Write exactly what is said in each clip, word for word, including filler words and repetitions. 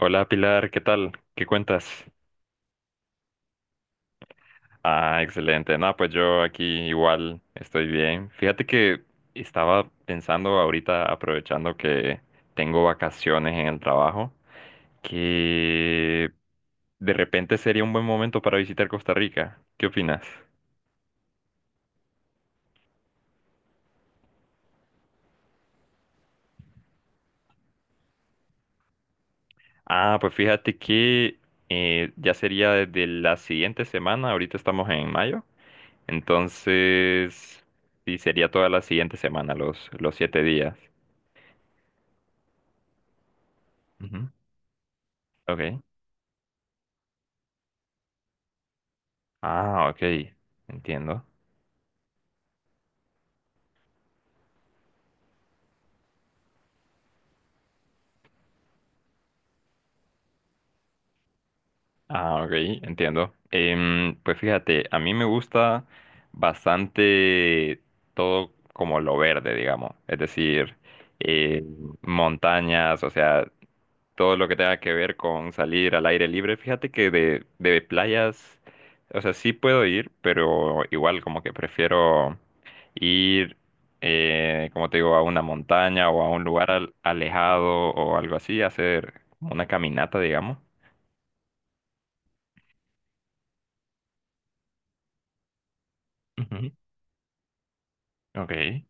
Hola Pilar, ¿qué tal? ¿Qué cuentas? Ah, excelente. No, pues yo aquí igual estoy bien. Fíjate que estaba pensando ahorita, aprovechando que tengo vacaciones en el trabajo, que de repente sería un buen momento para visitar Costa Rica. ¿Qué opinas? Ah, pues fíjate que eh, ya sería desde la siguiente semana, ahorita estamos en mayo, entonces sí sería toda la siguiente semana, los, los siete días. Ujú. Ok. Ah, ok. Entiendo. Ah, ok, entiendo. Em, pues fíjate, a mí me gusta bastante todo como lo verde, digamos. Es decir, eh, montañas, o sea, todo lo que tenga que ver con salir al aire libre. Fíjate que de, de playas, o sea, sí puedo ir, pero igual como que prefiero ir, eh, como te digo, a una montaña o a un lugar al- alejado o algo así, hacer como una caminata, digamos. Ujú. Ok.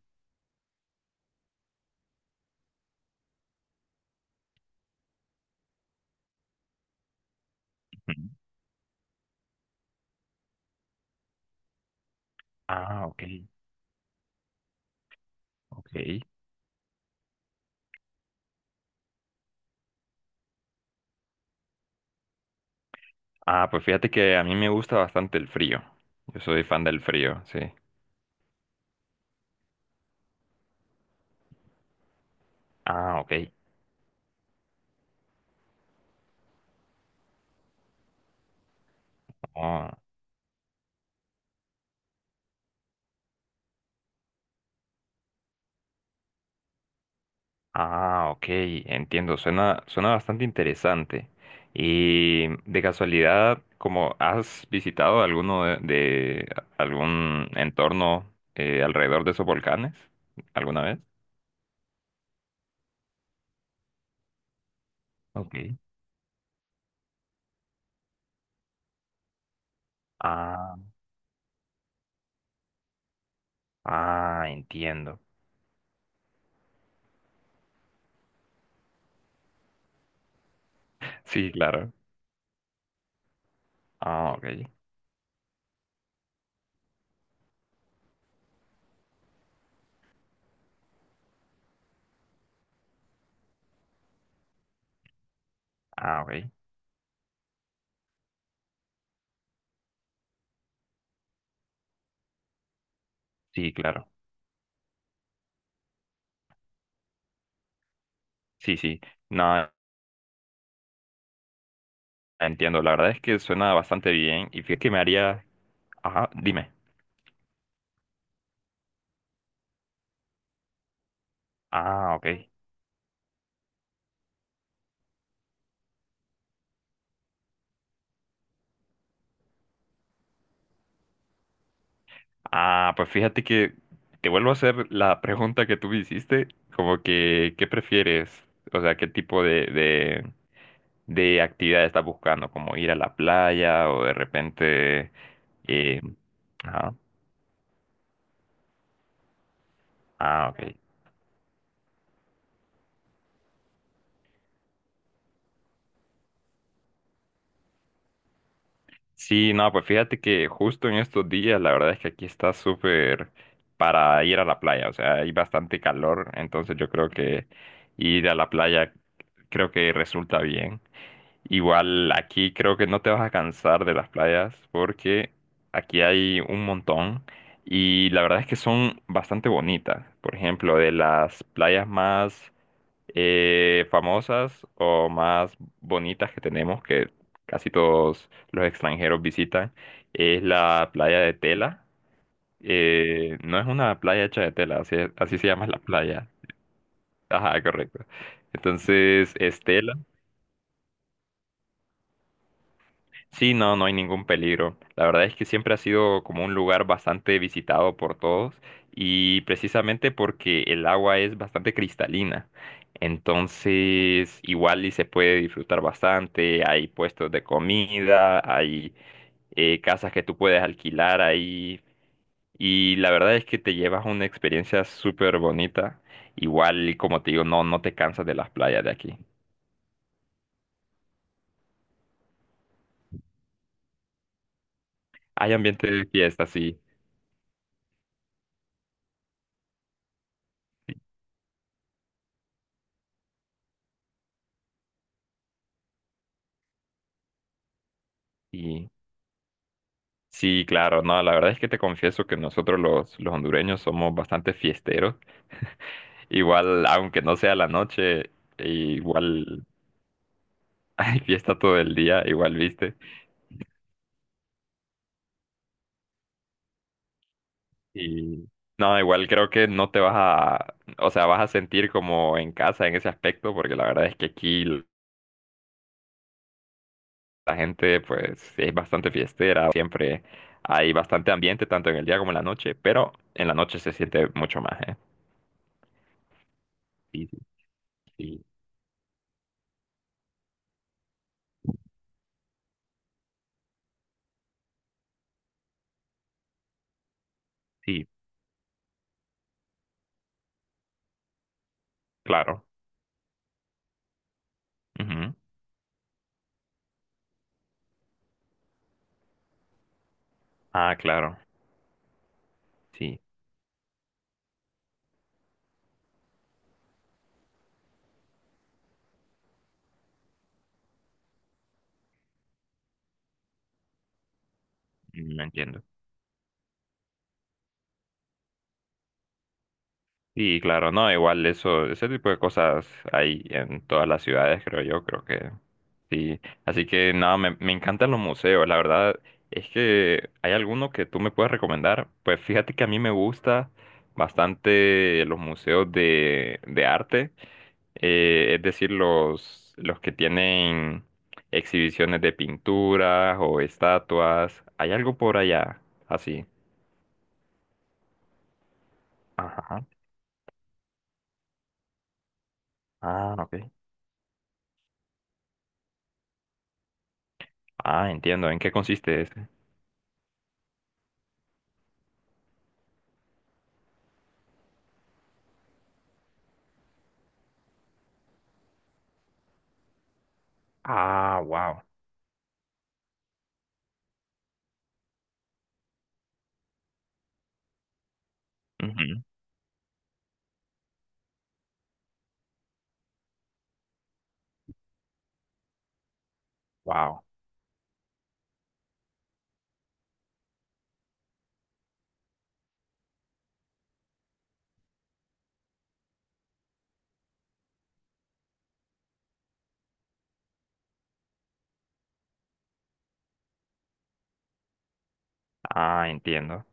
Ujú. Ah, ok, ok. Ah, pues fíjate que a mí me gusta bastante el frío. Yo soy fan del frío, sí. Ah, ok. Ah, ok, entiendo, suena, suena bastante interesante. Y de casualidad, ¿como has visitado alguno de, de algún entorno eh, alrededor de esos volcanes alguna vez? Ok. Ah, ah, entiendo. Sí, claro. Ah, ok. Ah, ok. Sí, claro. Sí, sí. No, entiendo. La verdad es que suena bastante bien. Y fíjate que me haría. Ajá, dime. Ah, ok. Ah, pues fíjate que te vuelvo a hacer la pregunta que tú me hiciste, como que, ¿qué prefieres? O sea, ¿qué tipo de, de, de actividad estás buscando? ¿Como ir a la playa o de repente... eh, ajá. Ah, ok. Sí, no, pues fíjate que justo en estos días la verdad es que aquí está súper para ir a la playa, o sea, hay bastante calor, entonces yo creo que ir a la playa creo que resulta bien. Igual aquí creo que no te vas a cansar de las playas porque aquí hay un montón y la verdad es que son bastante bonitas. Por ejemplo, de las playas más eh, famosas o más bonitas que tenemos, que casi todos los extranjeros visitan, es la playa de Tela. Eh, no es una playa hecha de tela, así, así se llama la playa. Ajá, correcto. Entonces, es Tela. Sí, no, no hay ningún peligro. La verdad es que siempre ha sido como un lugar bastante visitado por todos y precisamente porque el agua es bastante cristalina. Entonces, igual y se puede disfrutar bastante. Hay puestos de comida, hay eh, casas que tú puedes alquilar ahí y la verdad es que te llevas una experiencia súper bonita. Igual, como te digo, no, no te cansas de las playas de aquí. Hay ambiente de fiesta, sí. Sí, claro, no, la verdad es que te confieso que nosotros los, los hondureños somos bastante fiesteros. Igual, aunque no sea la noche, igual hay fiesta todo el día, igual, viste. Y no, igual creo que no te vas a, o sea, vas a sentir como en casa en ese aspecto, porque la verdad es que aquí l- la gente, pues, es bastante fiestera, siempre hay bastante ambiente, tanto en el día como en la noche, pero en la noche se siente mucho más, ¿eh? Sí, sí, sí, sí, claro. Ujú. Ah, claro. Sí, no entiendo. Y claro, no, igual eso, ese tipo de cosas hay en todas las ciudades, creo yo, creo que sí. Así que nada, me, me encantan los museos, la verdad es que hay alguno que tú me puedes recomendar. Pues fíjate que a mí me gusta bastante los museos de, de arte, eh, es decir, los, los que tienen exhibiciones de pinturas o estatuas. ¿Hay algo por allá? Así. Ajá. Ah, ok. Ah, entiendo. ¿En qué consiste ese? Ah, wow. Ujú. Wow. Ah, entiendo.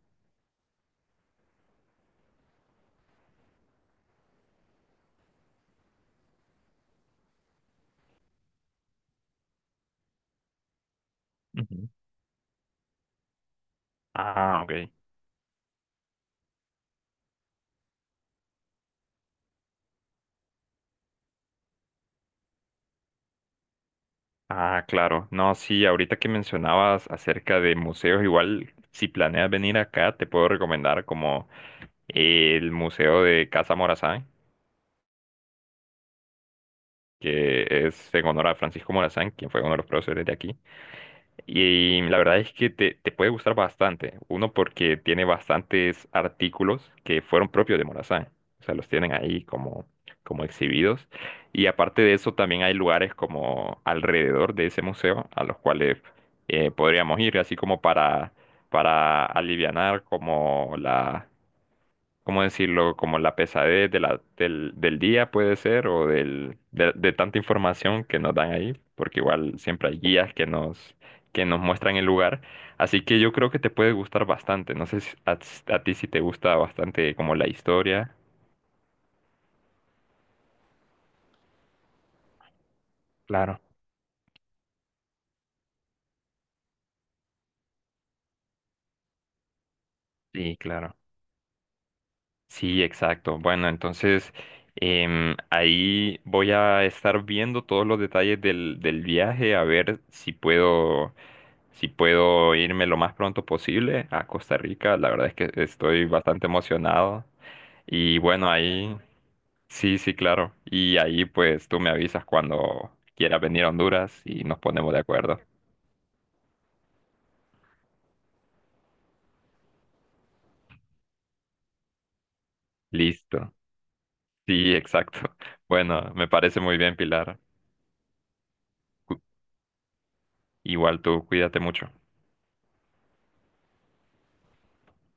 Ujú. Ah, ok. Ah, claro. No, sí, ahorita que mencionabas acerca de museos, igual si planeas venir acá, te puedo recomendar como el Museo de Casa Morazán, que es en honor a Francisco Morazán, quien fue uno de los próceres de aquí. Y la verdad es que te, te puede gustar bastante. Uno, porque tiene bastantes artículos que fueron propios de Morazán. O sea, los tienen ahí como, como exhibidos. Y aparte de eso, también hay lugares como alrededor de ese museo a los cuales eh, podríamos ir, así como para, para alivianar como la, ¿cómo decirlo? Como la pesadez de la, del, del día puede ser o del, de, de tanta información que nos dan ahí, porque igual siempre hay guías que nos, que nos muestran el lugar. Así que yo creo que te puede gustar bastante. No sé si a, a ti si te gusta bastante como la historia. Claro. Sí, claro. Sí, exacto. Bueno, entonces em, ahí voy a estar viendo todos los detalles del, del viaje, a ver si puedo. Si puedo irme lo más pronto posible a Costa Rica, la verdad es que estoy bastante emocionado. Y bueno, ahí, sí, sí, claro. Y ahí pues tú me avisas cuando quieras venir a Honduras y nos ponemos de acuerdo. Listo. Sí, exacto. Bueno, me parece muy bien, Pilar. Cu- Igual tú, cuídate mucho.